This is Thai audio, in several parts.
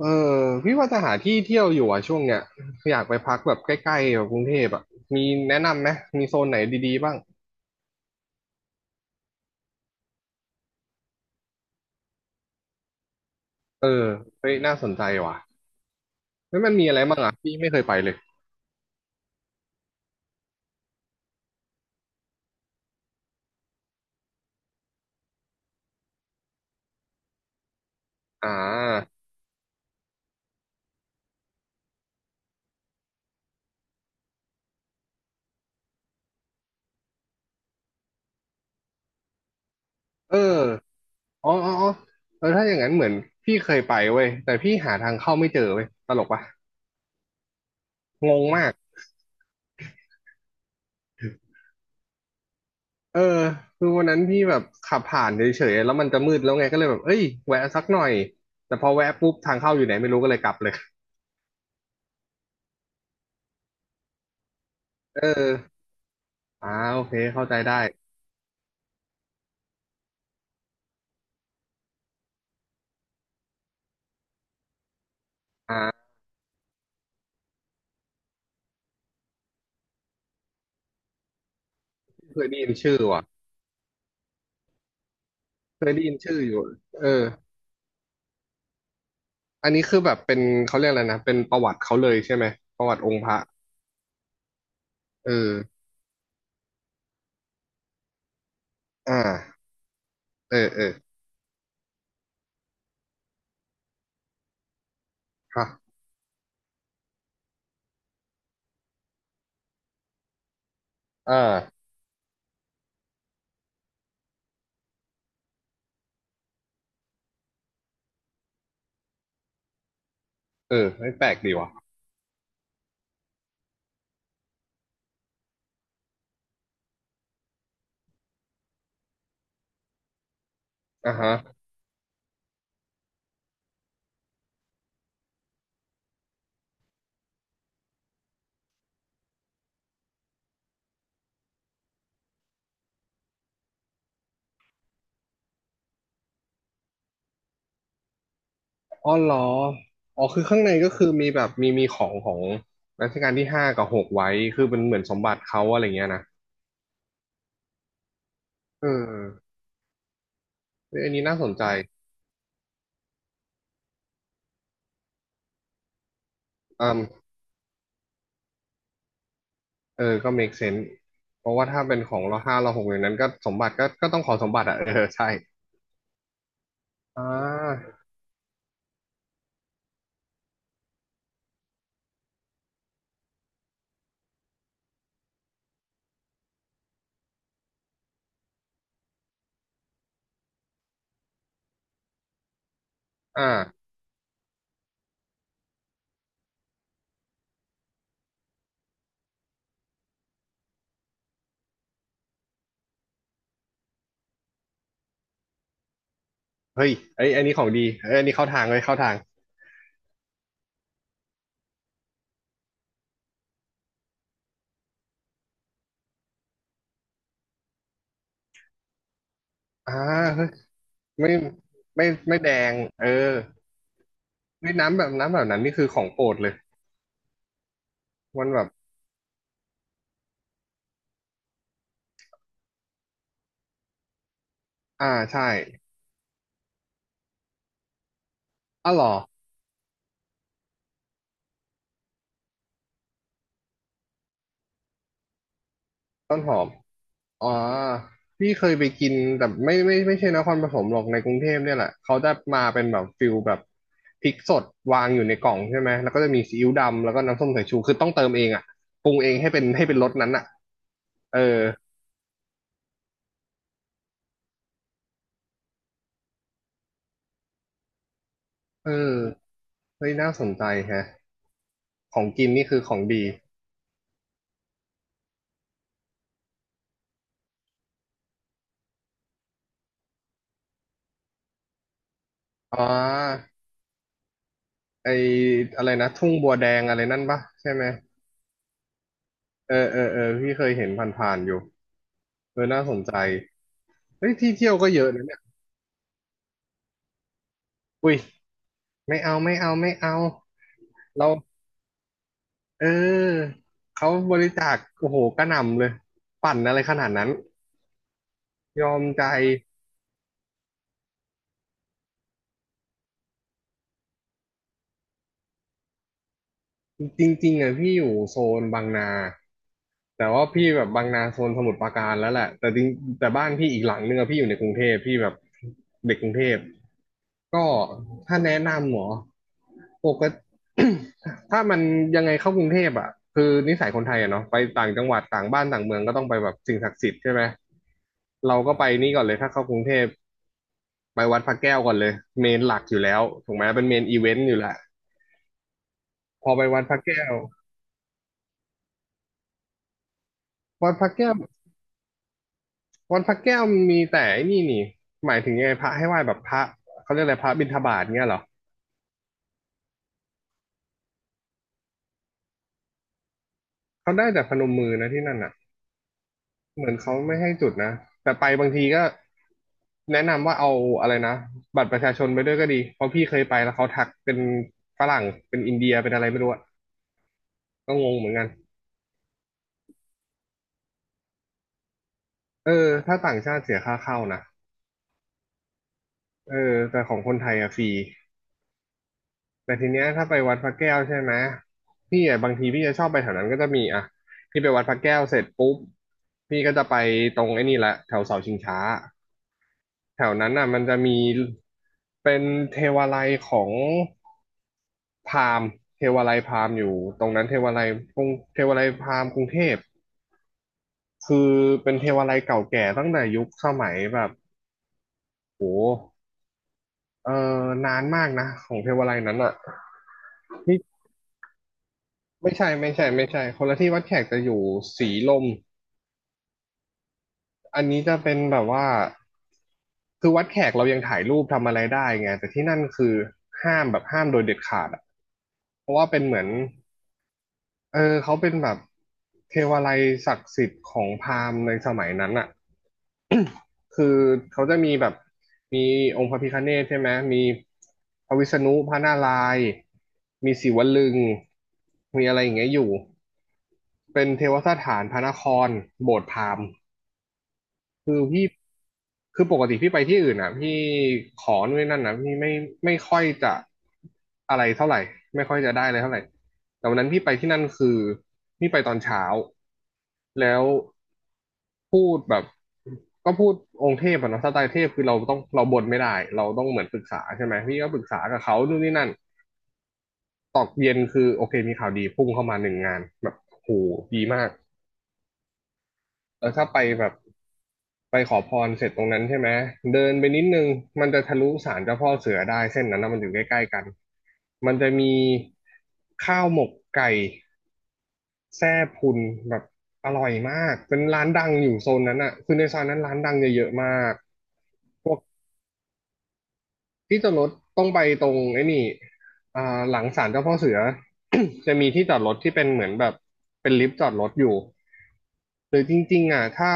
เออพี่ว่าจะหาที่เที่ยวอยู่อ่ะช่วงเนี้ยอยากไปพักแบบใกล้ๆแบบกรุงเทพอ่ะมีแนะนำไหมมีโซนไหนดีๆบ้างเออเฮ้ยน่าสนใจว่ะแล้วมันมีอะไรบ้างอ่ะพี่ไม่เคยไปเลยอ่าเอออ๋ออ๋ออ๋อเออถ้าอย่างนั้นเหมือนพี่เคยไปเว้ยแต่พี่หาทางเข้าไม่เจอเว้ยตลกปะงงมากเออคือวันนั้นพี่แบบขับผ่านเฉยๆแล้วมันจะมืดแล้วไงก็เลยแบบเอ้ยแวะสักหน่อยแต่พอแวะปุ๊บทางเข้าอยู่ไหนไม่รู้ก็เลยกลับเลยเอออ่าโอเคเข้าใจได้อ่า เคยได้ยินชื่อว่ะเคยได้ยินชื่ออยู่เอออันนี้คือแบบเป็นเขาเรียกอะไรนะเป็นประวัติเขาเลยใช่ไหมประวัติองค์พระเอออ่าเออเออฮะอ่าเออไม่แปลกดีว่ะอ่าฮะอ๋อเหรออ๋อคือข้างในก็คือมีแบบมีของของรัชกาลที่ห้ากับหกไว้คือเป็นเหมือนสมบัติเขาอะไรเงี้ยนะเออเอยอันนี้น่าสนใจอืมเออก็ make sense เพราะว่าถ้าเป็นของเราห้าเราหกอย่างนั้นก็สมบัติก็ต้องขอสมบัติอ่ะ เออใช่อ่าอ่า เฮ้ยไอ้ยอันนี้ของดีเอ้ยอันนี้เข้าทางเลยเข้าทางอ่าเฮ้ยไม่ไม่ไม่แดงเออเฮ้ยน้ำแบบน้ำแบบนั้นนี่คือของโปรดเลยมันแบบ อ่าใช่อ้าวเหรอต้นหอมอ๋อพี่เคยไปกินแต่ไม่ไม่ใช่นครปฐมหรอกในกรุงเทพเนี่ยแหละเขาจะมาเป็นแบบฟิลแบบพริกสดวางอยู่ในกล่องใช่ไหม แล้วก็จะมีซีอิ๊วดำแล้วก็น้ำส้มสายชู คือต้องเติมเองอ่ะปรุงเองให้เป็นรสนั้นอ่ะเออเออเฮ้ยน่าสนใจแฮะของกินนี่คือของดี อ๋อไออะไรนะทุ่งบัวแดงอะไรนั่นปะใช่ไหมเออพี่เคยเห็นผ่านๆอยู่เออน่าสนใจเฮ้ยที่เที่ยวก็เยอะนะเนี่ยอุ้ยไม่เอาเราเออเขาบริจาคโอ้โหกระหน่ำเลยปั่นอะไรขนาดนั้นยอมใจจริงๆอ่ะพี่อยู่โซนบางนาแต่ว่าพี่แบบบางนาโซนสมุทรปราการแล้วแหละแต่จริงแต่บ้านพี่อีกหลังนึงอะพี่อยู่ในกรุงเทพพี่แบบเด็กกรุงเทพ ก็ถ้าแนะนำหมอปกติ ถ้ามันยังไงเข้ากรุงเทพอ่ะคือนิสัยคนไทยอ่ะเนาะไปต่างจังหวัดต่างบ้านต่างเมืองก็ต้องไปแบบสิ่งศักดิ์สิทธิ์ใช่ไหมเราก็ไปนี่ก่อนเลยถ้าเข้ากรุงเทพไปวัดพระแก้วก่อนเลยเมนหลักอยู่แล้วถูกไหมเป็นเมนอีเวนต์อยู่แหละพอไปวัดพระแก้ววัดพระแก้ววัดพระแก้วมีแต่ไอ้นี่นี่หมายถึงยังไงพระให้ไหว้แบบพระเขาเรียกอะไรพระบิณฑบาตเงี้ยเหรอเขาได้แต่พนมมือนะที่นั่นอ่ะ เหมือนเขาไม่ให้จุดนะแต่ไปบางทีก็แนะนำว่าเอาอะไรนะบัตรประชาชนไปด้วยก็ดีเพราะพี่เคยไปแล้วเขาทักเป็นฝรั่งเป็นอินเดียเป็นอะไรไม่รู้อะก็งงเหมือนกันเออถ้าต่างชาติเสียค่าเข้านะเออแต่ของคนไทยอะฟรีแต่ทีเนี้ยถ้าไปวัดพระแก้วใช่ไหมพี่อะบางทีพี่จะชอบไปแถวนั้นก็จะมีอะพี่ไปวัดพระแก้วเสร็จปุ๊บพี่ก็จะไปตรงไอ้นี่แหละแถวเสาชิงช้า แถวนั้นน่ะมันจะมีเป็นเทวาลัยของพราหมณ์เทวาลัยพราหมณ์อยู่ตรงนั้นเทวาลัยกรุงเทวาลัยพราหมณ์กรุงเทพคือเป็นเทวาลัยเก่าแก่ตั้งแต่ยุคสมัยแบบโหเออนานมากนะของเทวาลัยนั้นอ่ะนี่ไม่ใช่คนละที่วัดแขกจะอยู่สีลมอันนี้จะเป็นแบบว่าคือวัดแขกเรายังถ่ายรูปทำอะไรได้ไงแต่ที่นั่นคือห้ามแบบห้ามโดยเด็ดขาดอะเพราะว่าเป็นเหมือน เออเขาเป็นแบบเทวาลัยศักดิ์สิทธิ์ของพราหมณ์ในสมัยนั้นอ่ะ คือเขาจะมีแบบมีองค์พระพิฆเนศใช่ไหมมีพระวิษณุพระนารายณ์มีศิวลึงมีอะไรอย่างเงี้ยอยู่เป็นเทวสถานพระนครโบสถ์พราหมณ์คือพี่ คือปกติพี่ไปที่อื่นอ่ะพี่ขอนู่นนนั่นนะพี่ไม่ค่อยจะอะไรเท่าไหร่ไม่ค่อยจะได้เลยเท่าไหร่แต่วันนั้นพี่ไปที่นั่นคือพี่ไปตอนเช้าแล้วพูดแบบก็พูดองค์เทพอะเนาะสไตล์เทพคือเราต้องเราบ่นไม่ได้เราต้องเหมือนปรึกษาใช่ไหมพี่ก็ปรึกษากับเขานู่นนี่นั่นตอกเย็นคือโอเคมีข่าวดีพุ่งเข้ามาหนึ่งงานแบบโหดีมากแล้วถ้าไปแบบ ไปขอพรเสร็จตรงนั้นใช่ไหมเดินไปนิดนึงมันจะทะลุศาลเจ้าพ่อเสือได้เส้นนั้นนะมันอยู่ใกล้ๆกันมันจะมีข้าวหมกไก่แซ่พุนแบบอร่อยมากเป็นร้านดังอยู่โซนนั้นอ่ะคือในซอยนั้นร้านดังเยอะๆมาก ที่จอดรถต้องไปตรงไอ้นี่อ่าหลังศาลเจ้าพ่อเสือ จะมีที่จอดรถที่เป็นเหมือนแบบเป็นลิฟต์จอดรถอยู่หรือจริงๆอ่ะถ้า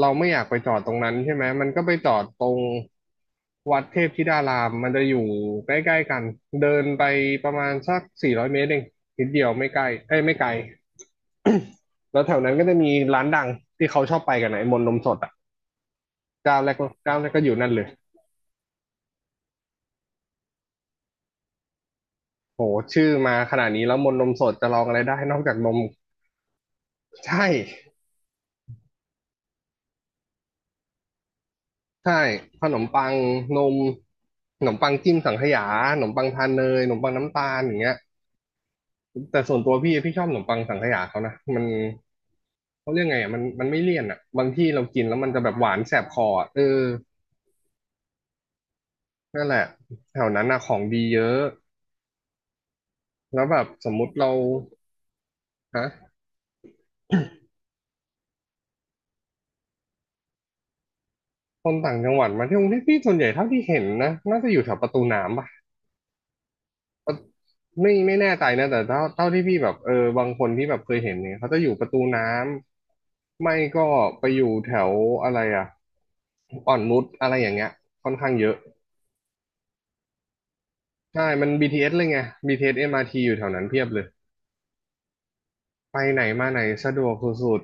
เราไม่อยากไปจอดตรงนั้นใช่ไหมมันก็ไปจอดตรงวัดเทพธิดารามมันจะอยู่ใกล้ๆกัน เดินไปประมาณสัก400 เมตรเองนิดเดียวไม่ใกล้เอ้ยไม่ไกล แล้วแถวนั้นก็จะมีร้านดังที่เขาชอบไปกันนะไอ้มนต์นมสดอ่ะเจ้าแรกเจ้าแรกก็อยู่นั่นเลย โหชื่อมาขนาดนี้แล้วมนต์นมสดจะลองอะไรได้นอกจากนมใช่ใช่ขนมปังนมขนมปังจิ้มสังขยาขนมปังทานเนยขนมปังน้ำตาลอย่างเงี้ยแต่ส่วนตัวพี่ชอบขนมปังสังขยาเขานะมันเขาเรียกไงอ่ะมันไม่เลี่ยนอ่ะบางที่เรากินแล้วมันจะแบบหวานแสบคออะเออนั่นแหละแถวนั้นน่ะของดีเยอะแล้วแบบสมมุติเราฮะคนต่างจังหวัดมาที่กรุงเทพพี่ส่วนใหญ่เท่าที่เห็นนะน่าจะอยู่แถวประตูน้ำปะ ไม่แน่ใจนะแต่เท่าที่พี่แบบเออบางคนที่แบบเคยเห็นเนี่ยเขาจะอยู่ประตูน้ำไม่ก็ไปอยู่แถวอะไรอ่ะอ่อนนุชอะไรอย่างเงี้ยค่อนข้างเยอะใช่มัน BTS เอสเลยไง BTS MRT อสเอ็มอาร์ทีอยู่แถวนั้นเพียบเลยไปไหนมาไหนสะดวกสุด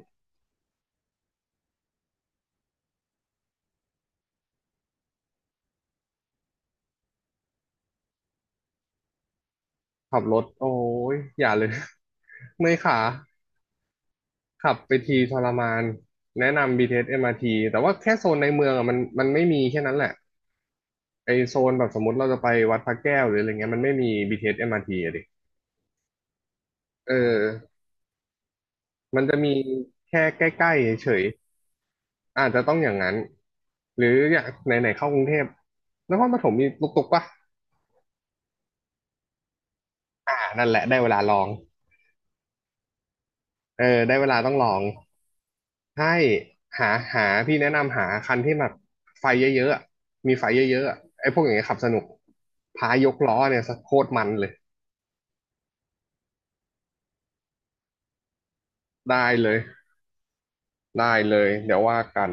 ๆขับรถโอ้ยอย่าเลย เมื่อยขาขับไปทีทรมานแนะนำ BTS MRT แต่ว่าแค่โซนในเมืองอ่ะมันไม่มีแค่นั้นแหละไอโซนแบบสมมติเราจะไปวัดพระแก้วหรืออะไรเงี้ยมันไม่มี BTS MRT อสเอ็มอาร์ทีอะดิ เออมันจะมีแค่ใกล้ๆเฉยๆอาจจะต้องอย่างนั้นหรืออย่างไหนๆเข้ากรุงเทพนครปฐมมีตุกๆปะอ่านั่นแหละได้เวลาลองเออได้เวลาต้องลองให้หาพี่แนะนำหาคันที่แบบไฟเยอะๆอะมีไฟเยอะๆอะไอ้พวกอย่างเงี้ยขับสนุกพายกล้อเนี่ยโคตรมันเลยได้เลยได้เลยเดี๋ยวว่ากัน